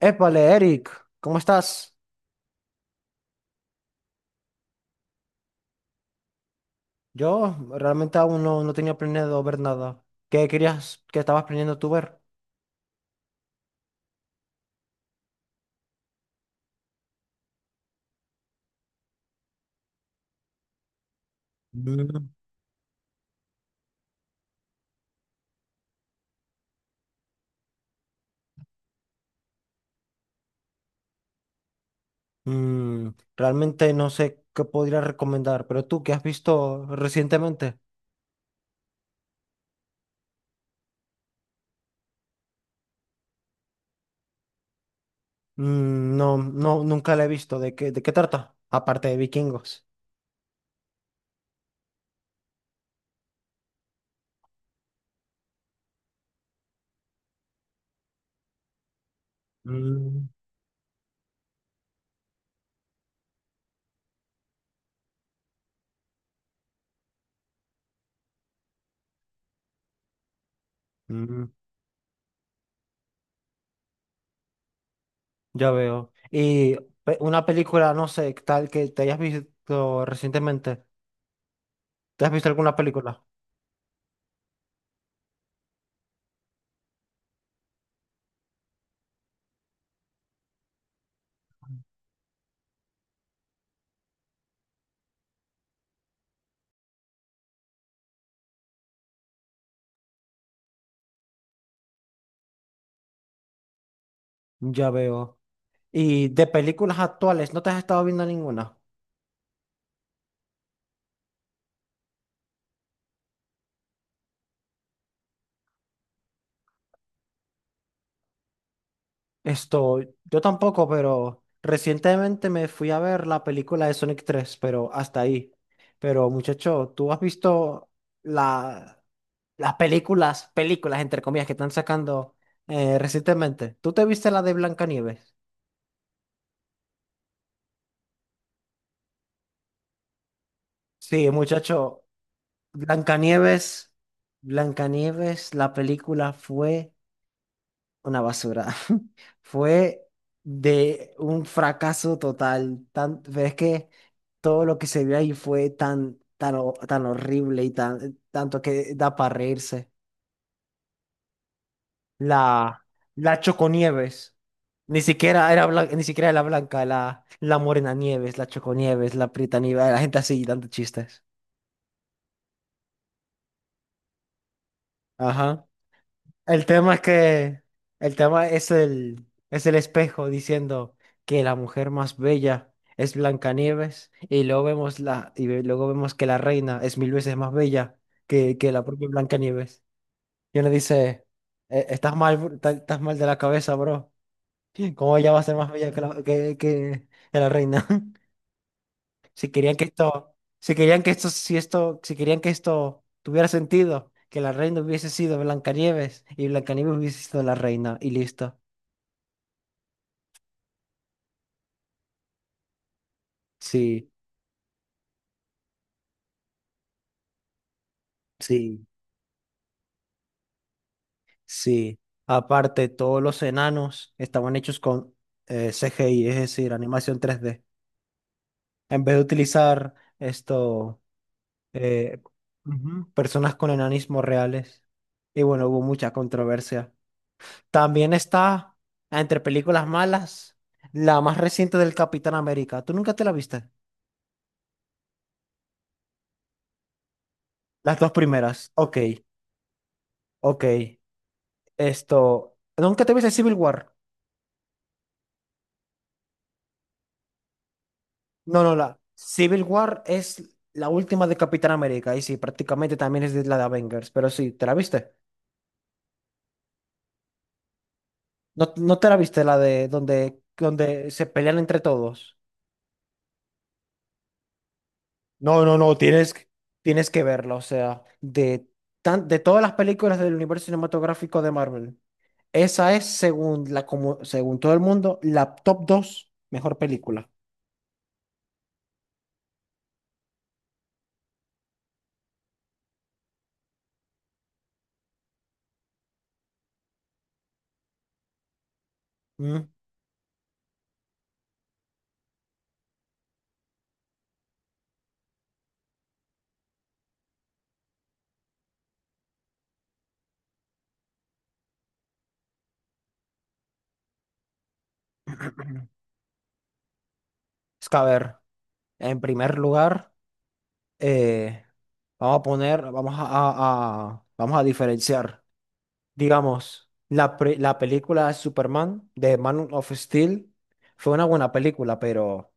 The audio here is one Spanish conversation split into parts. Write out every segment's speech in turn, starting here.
Épale, Eric, ¿cómo estás? Yo realmente aún no tenía planeado ver nada. ¿Qué querías, qué estabas planeando tú ver? Mm. Mm, Realmente no sé qué podría recomendar, pero tú, ¿qué has visto recientemente? No, no, nunca la he visto. ¿De qué trata? Aparte de vikingos. Mm, mm, ya veo. Y una película, no sé, tal que te hayas visto recientemente. ¿Te has visto alguna película? Ya veo. Y de películas actuales, ¿no te has estado viendo ninguna? Esto, yo tampoco, pero recientemente me fui a ver la película de Sonic 3, pero hasta ahí. Pero muchacho, ¿tú has visto la, las películas, películas entre comillas, que están sacando recientemente? ¿Tú te viste la de Blancanieves? Sí, muchacho, Blancanieves, Blancanieves, la película fue una basura. Fue de un fracaso total. Pero es que todo lo que se vio ahí fue tan horrible y tanto que da para reírse. La, la Choconieves. Ni siquiera era blanca, ni siquiera era la blanca, la Morena Nieves, la Choconieves, la Prieta Nieves, la gente así dando chistes. Ajá. El tema es que el tema es el espejo diciendo que la mujer más bella es Blancanieves y luego vemos luego vemos que la reina es mil veces más bella que la propia Blancanieves. Y uno dice: estás mal, bro, estás mal de la cabeza, bro. ¿Cómo ella va a ser más bella que la reina? Si querían que esto, si querían que Si querían que esto tuviera sentido, que la reina hubiese sido Blancanieves y Blancanieves hubiese sido la reina y listo." Sí, sí, sí. Aparte, todos los enanos estaban hechos con CGI, es decir, animación 3D. En vez de utilizar eh, ujú, personas con enanismo reales. Y bueno, hubo mucha controversia. También está entre películas malas, la más reciente del Capitán América. ¿Tú nunca te la viste? Las dos primeras. Ok, ok. Esto. ¿Nunca te viste Civil War? No, no, la. Civil War es la última de Capitán América. Y sí, prácticamente también es de la de Avengers. Pero sí, ¿te la viste? No, no te la viste la de donde se pelean entre todos. No, no, no, tienes que verla. O sea, de todas las películas del universo cinematográfico de Marvel. Esa es, según todo el mundo, la top 2 mejor película. Mm. Es que, a ver, en primer lugar, eh, vamos a poner, vamos a- vamos a diferenciar, digamos, la película de Superman, de Man of Steel, fue una buena película, pero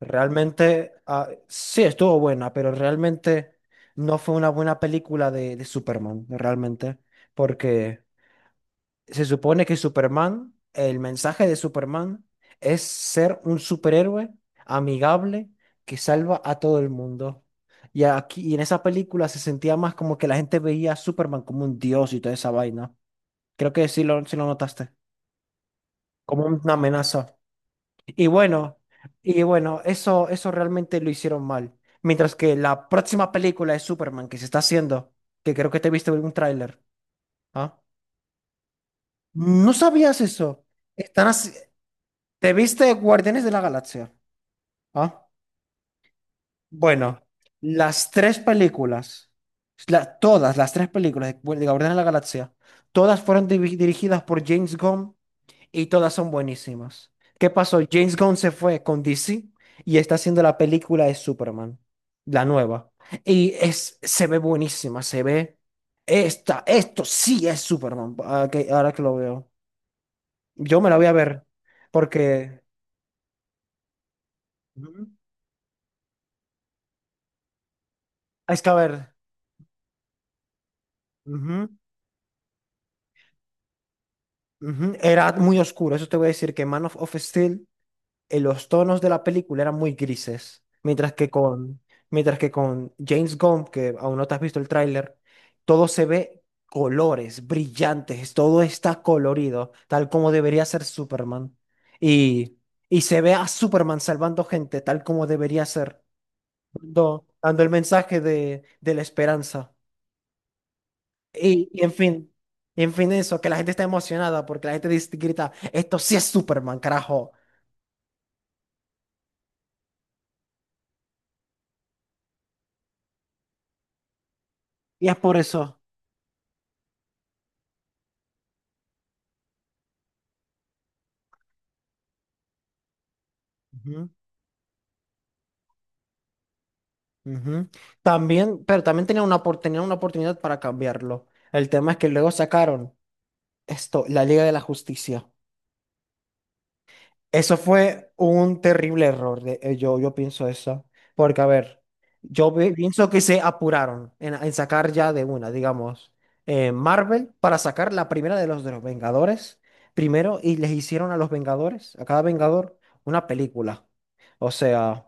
realmente, sí, estuvo buena, pero realmente no fue una buena película de Superman, realmente, porque... Se supone que Superman, el mensaje de Superman es ser un superhéroe amigable que salva a todo el mundo. Y aquí, en esa película se sentía más como que la gente veía a Superman como un dios y toda esa vaina. Creo que sí lo notaste, como una amenaza. Y bueno, y bueno, eso realmente lo hicieron mal. Mientras que la próxima película de Superman que se está haciendo, que creo que te viste en un tráiler, ¿ah? ¿No sabías eso? Están así. ¿Te viste Guardianes de la Galaxia? Ah, bueno, las tres películas, la- todas las tres películas de Guardianes de la Galaxia, todas fueron dirigidas por James Gunn y todas son buenísimas. ¿Qué pasó? James Gunn se fue con DC y está haciendo la película de Superman, la nueva. Se ve buenísima, se ve. Esto sí es Superman, ahora que lo veo. Yo me la voy a ver porque... Ujú. Es que a ver. Ujú. Ujú, era muy oscuro, eso te voy a decir que Man of Steel, los tonos de la película eran muy grises, mientras que con James Gunn, que aún no te has visto el tráiler, todo se ve colores brillantes, todo está colorido, tal como debería ser Superman. Y, y se ve a Superman salvando gente, tal como debería ser, dando el mensaje de la esperanza. Y, y en fin, y en fin, eso, que la gente está emocionada porque la gente grita, esto sí es Superman, carajo. Y es por eso. Ujú, ujú. También, pero también tenían una oportunidad para cambiarlo. El tema es que luego sacaron la Liga de la Justicia. Eso fue un terrible error, yo pienso eso, porque a ver, pienso que se apuraron en sacar ya de una, digamos, Marvel para sacar la primera de los Vengadores primero y les hicieron a los Vengadores, a cada Vengador, una película. O sea,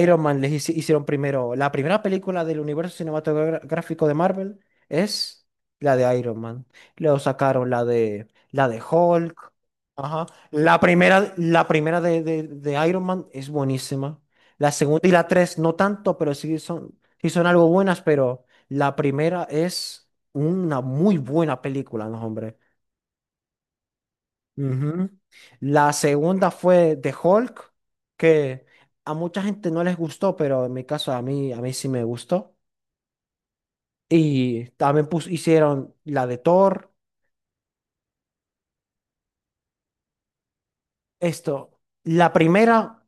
Iron Man les hicieron primero, la primera película del universo cinematográfico de Marvel es la de Iron Man. Luego sacaron la de Hulk. Ajá. La primera de Iron Man es buenísima. La segunda y la tres no tanto, pero sí son algo buenas, pero la primera es una muy buena película, ¿no, hombre? Ujú. La segunda fue The Hulk, que a mucha gente no les gustó, pero en mi caso a mí sí me gustó. Y también hicieron la de Thor. La primera,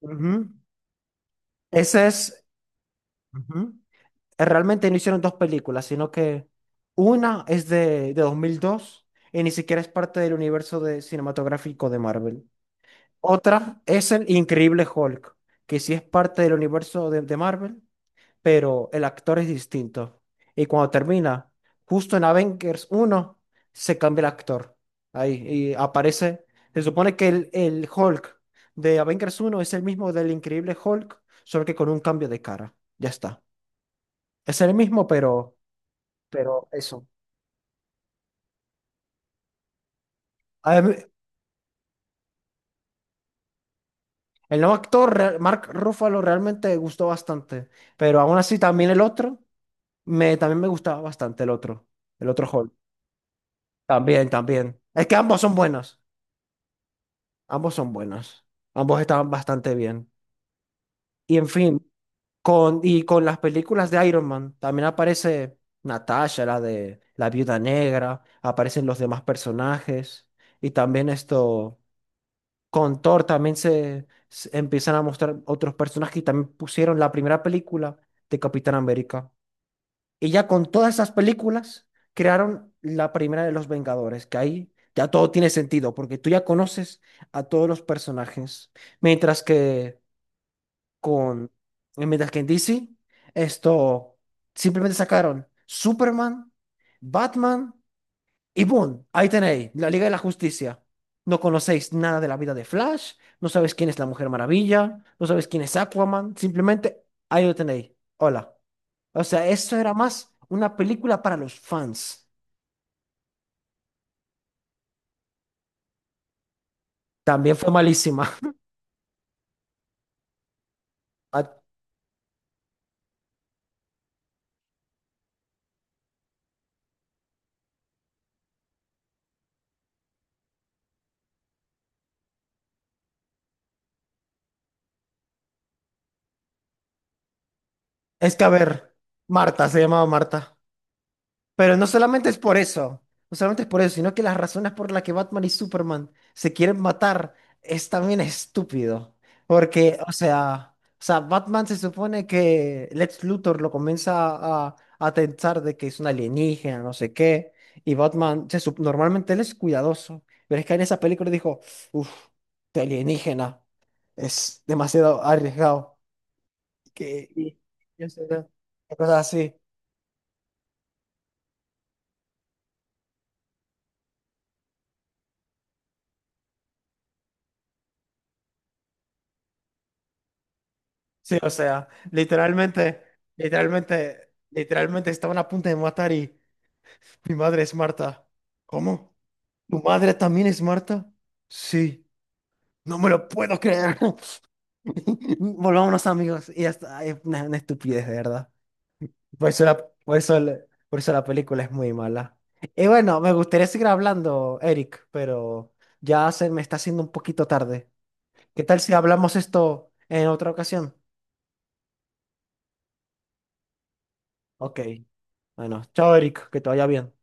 ujú, esa es... Ujú. Realmente no hicieron dos películas, sino que una es de 2002 y ni siquiera es parte del universo cinematográfico de Marvel. Otra es el Increíble Hulk, que sí es parte del universo de Marvel, pero el actor es distinto. Y cuando termina, justo en Avengers 1 se cambia el actor. Ahí, y aparece, se supone que el Hulk de Avengers 1 es el mismo del Increíble Hulk, solo que con un cambio de cara. Ya está. Es el mismo, pero eso. A mí, el nuevo actor, Mark Ruffalo, realmente me gustó bastante, pero aún así también el otro, también me gustaba bastante el otro Hulk. También, también. Es que ambos son buenos, ambos son buenos, ambos estaban bastante bien. Y en fin, y con las películas de Iron Man, también aparece Natasha, la de la Viuda Negra, aparecen los demás personajes, y también esto... Con Thor también se empiezan a mostrar otros personajes y también pusieron la primera película de Capitán América. Y ya con todas esas películas crearon la primera de los Vengadores, que ahí ya todo tiene sentido, porque tú ya conoces a todos los personajes. Mientras que con, mientras que en DC, esto simplemente sacaron Superman, Batman. Y boom, ahí tenéis, la Liga de la Justicia. No conocéis nada de la vida de Flash, no sabéis quién es la Mujer Maravilla, no sabéis quién es Aquaman, simplemente ahí lo tenéis. Hola. O sea, eso era más una película para los fans. También fue malísima. Ah, Es que, a ver, Marta, se llamaba Marta. Pero no solamente es por eso, no solamente es por eso, sino que las razones por las que Batman y Superman se quieren matar es también estúpido. Porque, o sea, Batman se supone que Lex Luthor lo comienza a pensar de que es un alienígena, no sé qué, y Batman, normalmente él es cuidadoso, pero es que en esa película dijo, uff, de alienígena, es demasiado arriesgado. Que, y, o sea, cosas así. Sí, o sea, literalmente estaban a punto de matar y mi madre es Marta. ¿Cómo? ¿Tu madre también es Marta? Sí, no me lo puedo creer. Volvámonos amigos. Y hasta es una estupidez, de verdad. Por eso la, por eso la película es muy mala. Y bueno, me gustaría seguir hablando, Eric, pero ya se me está haciendo un poquito tarde. ¿Qué tal si hablamos esto en otra ocasión? Ok, bueno, chao, Eric, que te vaya bien.